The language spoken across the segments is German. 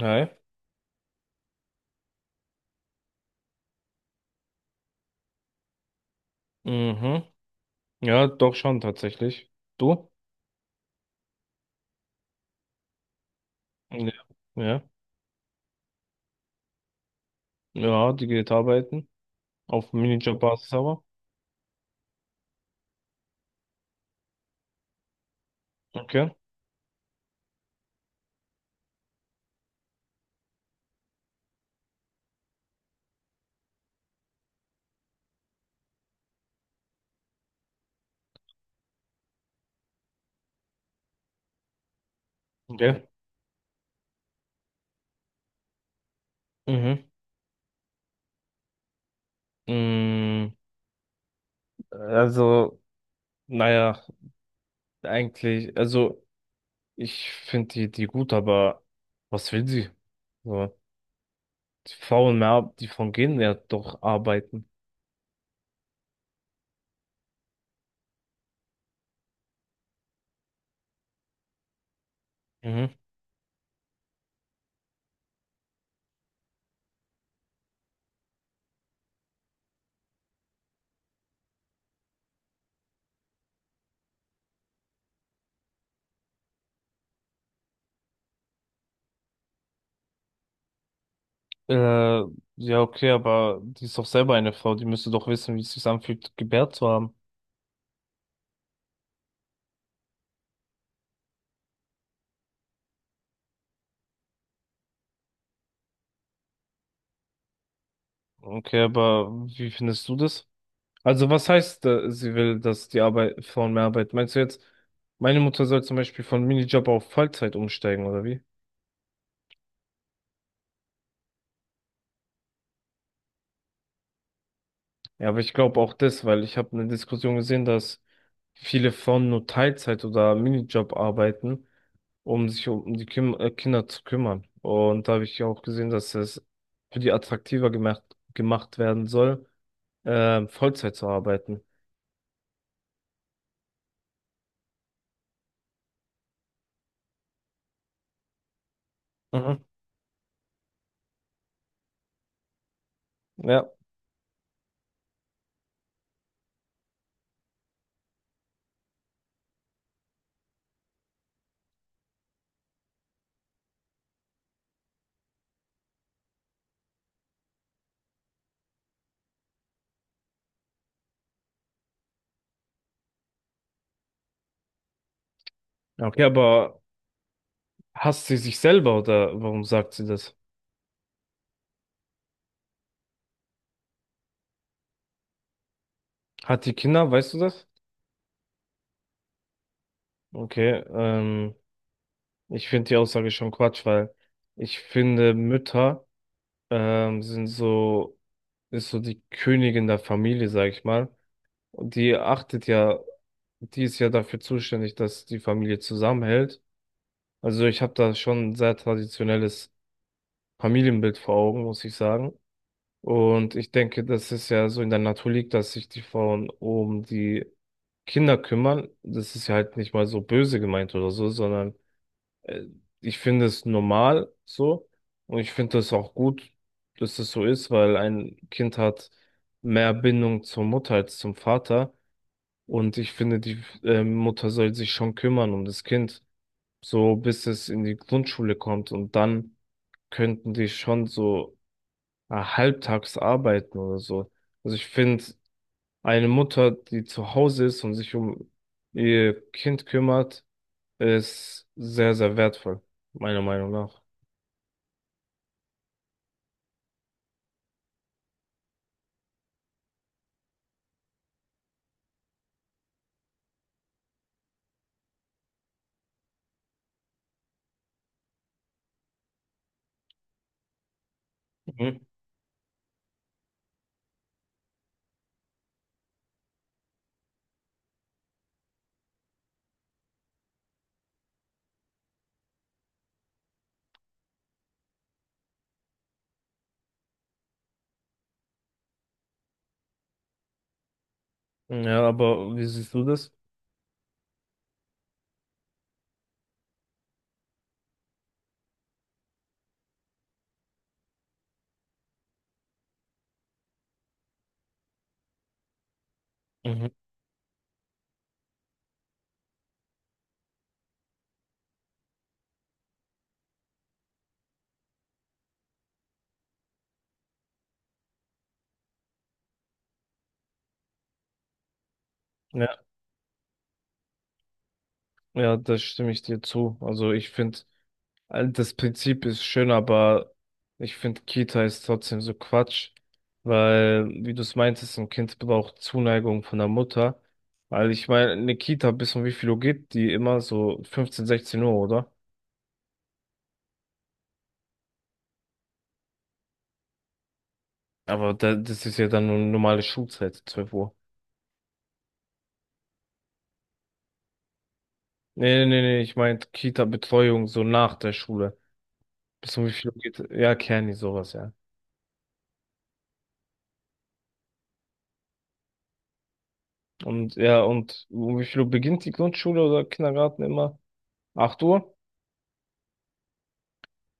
Hi. Mhm. Ja, doch schon tatsächlich. Du? Ja. Ja, ja, die geht arbeiten. Auf Minijob-Basis aber. Okay. Okay. Mhm. Mm, Also, naja, eigentlich, also ich finde die gut, aber was will sie? So, die faulen mehr ab, die von gehen ja doch arbeiten. Mhm. Äh, ja, okay, aber die ist doch selber eine Frau, die müsste doch wissen, wie es sich anfühlt, gebärt zu haben. Okay, aber wie findest du das? Also was heißt, sie will, dass die Arbeit, Frauen mehr arbeiten? Meinst du jetzt, meine Mutter soll zum Beispiel von Minijob auf Vollzeit umsteigen oder wie? Ja, aber ich glaube auch das, weil ich habe eine Diskussion gesehen, dass viele Frauen nur Teilzeit oder Minijob arbeiten, um sich um die Kim Kinder zu kümmern. Und da habe ich auch gesehen, dass es für die attraktiver gemacht werden soll, Vollzeit zu arbeiten. Mhm. Ja. Okay, aber hasst sie sich selber oder warum sagt sie das? Hat die Kinder, weißt du das? Okay, ich finde die Aussage schon Quatsch, weil ich finde, Mütter sind so, ist so die Königin der Familie, sag ich mal. Und die achtet ja, die ist ja dafür zuständig, dass die Familie zusammenhält. Also ich habe da schon ein sehr traditionelles Familienbild vor Augen, muss ich sagen. Und ich denke, das ist ja so in der Natur liegt, dass sich die Frauen um die Kinder kümmern. Das ist ja halt nicht mal so böse gemeint oder so, sondern Äh, ich finde es normal so und ich finde es auch gut, dass es so ist, weil ein Kind hat mehr Bindung zur Mutter als zum Vater und ich finde, die Mutter soll sich schon kümmern um das Kind, so bis es in die Grundschule kommt und dann könnten die schon so halbtags arbeiten oder so. Also ich finde, eine Mutter, die zu Hause ist und sich um ihr Kind kümmert, ist sehr, sehr wertvoll, meiner Meinung nach. Mhm. Ja, aber wie siehst du das? Mhm. Ja, ja, da stimme ich dir zu. Also ich finde, das Prinzip ist schön, aber ich finde, Kita ist trotzdem so Quatsch, weil, wie du es meintest, ein Kind braucht Zuneigung von der Mutter. Weil ich meine, eine Kita bis um wie viel Uhr geht die immer? So 15, 16 Uhr, oder? Aber da, das ist ja dann nur normale Schulzeit, 12 Uhr. Nee, nee, nee, nee, ich meinte Kita-Betreuung so nach der Schule. Bis um wie viel Uhr geht? Ja, Kerni, sowas, ja. Und ja, und um wie viel Uhr beginnt die Grundschule oder Kindergarten immer? 8 Uhr?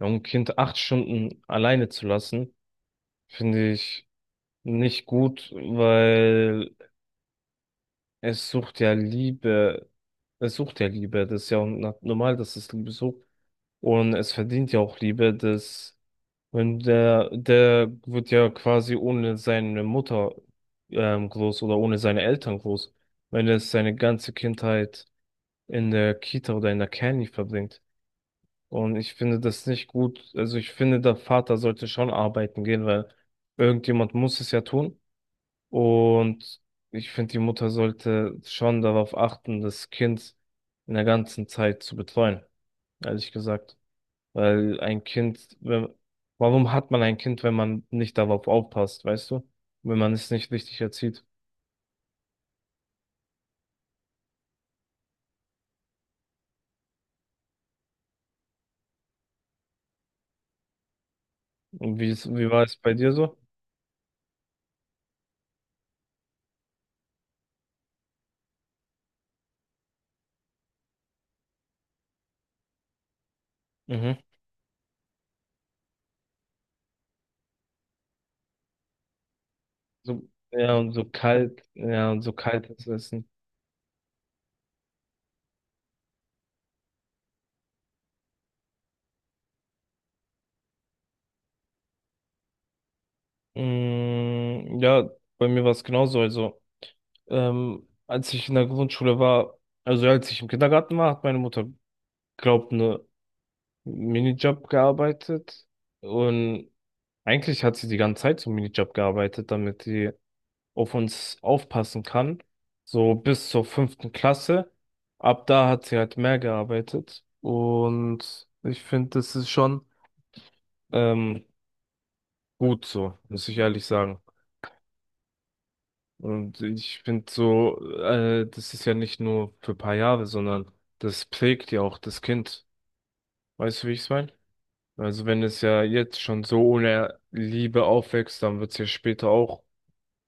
Ja, um ein Kind 8 Stunden alleine zu lassen, finde ich nicht gut, weil es sucht ja Liebe. Es sucht ja Liebe. Das ist ja normal, dass es Liebe sucht. Und es verdient ja auch Liebe, dass wenn der, der wird ja quasi ohne seine Mutter groß oder ohne seine Eltern groß. Wenn es seine ganze Kindheit in der Kita oder in der Kani verbringt. Und ich finde das nicht gut. Also ich finde, der Vater sollte schon arbeiten gehen, weil irgendjemand muss es ja tun. Und ich finde, die Mutter sollte schon darauf achten, das Kind in der ganzen Zeit zu betreuen, ehrlich gesagt. Weil ein Kind, wenn, warum hat man ein Kind, wenn man nicht darauf aufpasst, weißt du? Wenn man es nicht richtig erzieht. Und wie war es bei dir so? Mhm. So, ja, und und so kaltes Essen. Mm, ja, bei mir war es genauso. Also, ähm, als ich in der Grundschule war, also ja, als ich im Kindergarten war, hat meine Mutter, glaubt, eine Minijob gearbeitet. Und eigentlich hat sie die ganze Zeit so einen Minijob gearbeitet, damit sie auf uns aufpassen kann. So bis zur fünften Klasse. Ab da hat sie halt mehr gearbeitet. Und ich finde, das ist schon ähm, gut so, muss ich ehrlich sagen. Und ich finde so, das ist ja nicht nur für ein paar Jahre, sondern das prägt ja auch das Kind. Weißt du, wie ich es meine? Also wenn es ja jetzt schon so ohne Liebe aufwächst, dann wird es ja später auch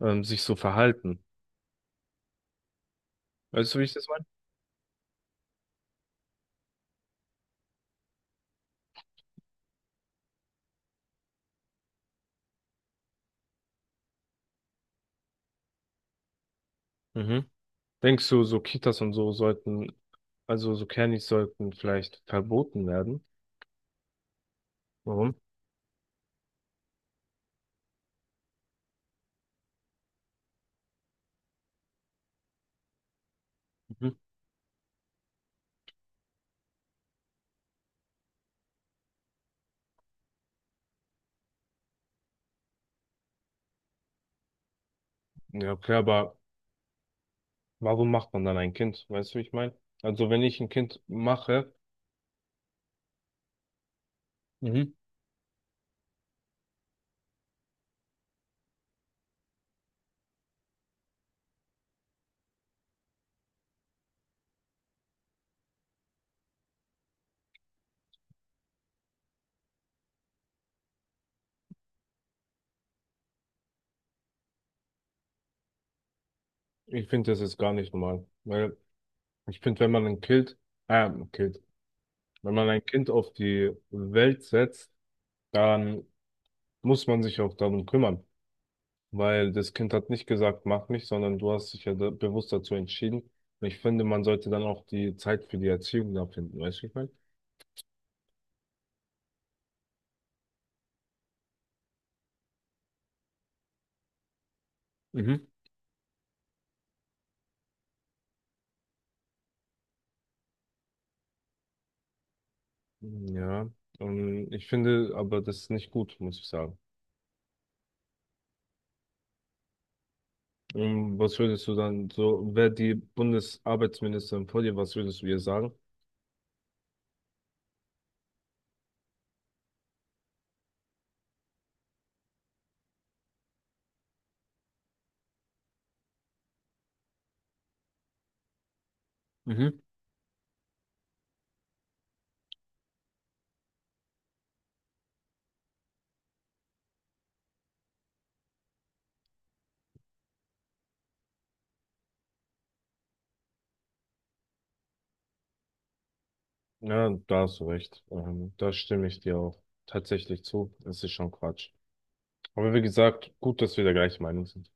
sich so verhalten. Weißt du, wie ich das meine? Mhm. Denkst du, so Kitas und so sollten, also so Kernis sollten vielleicht verboten werden? Warum? Mhm. Ja, okay, aber warum macht man dann ein Kind? Weißt du, wie ich meine? Also wenn ich ein Kind mache, Mhm. Ich finde, das ist gar nicht normal. Weil ich finde, wenn man ein äh, ein Kind, wenn man ein Kind auf die Welt setzt, dann muss man sich auch darum kümmern, weil das Kind hat nicht gesagt, mach mich, sondern du hast dich ja da, bewusst dazu entschieden. Und ich finde, man sollte dann auch die Zeit für die Erziehung da finden, weißt du, wie ich meine? Mhm. Ja, ich finde aber das ist nicht gut, muss ich sagen. Was würdest du dann so, wäre die Bundesarbeitsministerin vor dir, was würdest du ihr sagen? Mhm. Ja, da hast du recht. Da stimme ich dir auch tatsächlich zu. Das ist schon Quatsch. Aber wie gesagt, gut, dass wir der gleichen Meinung sind.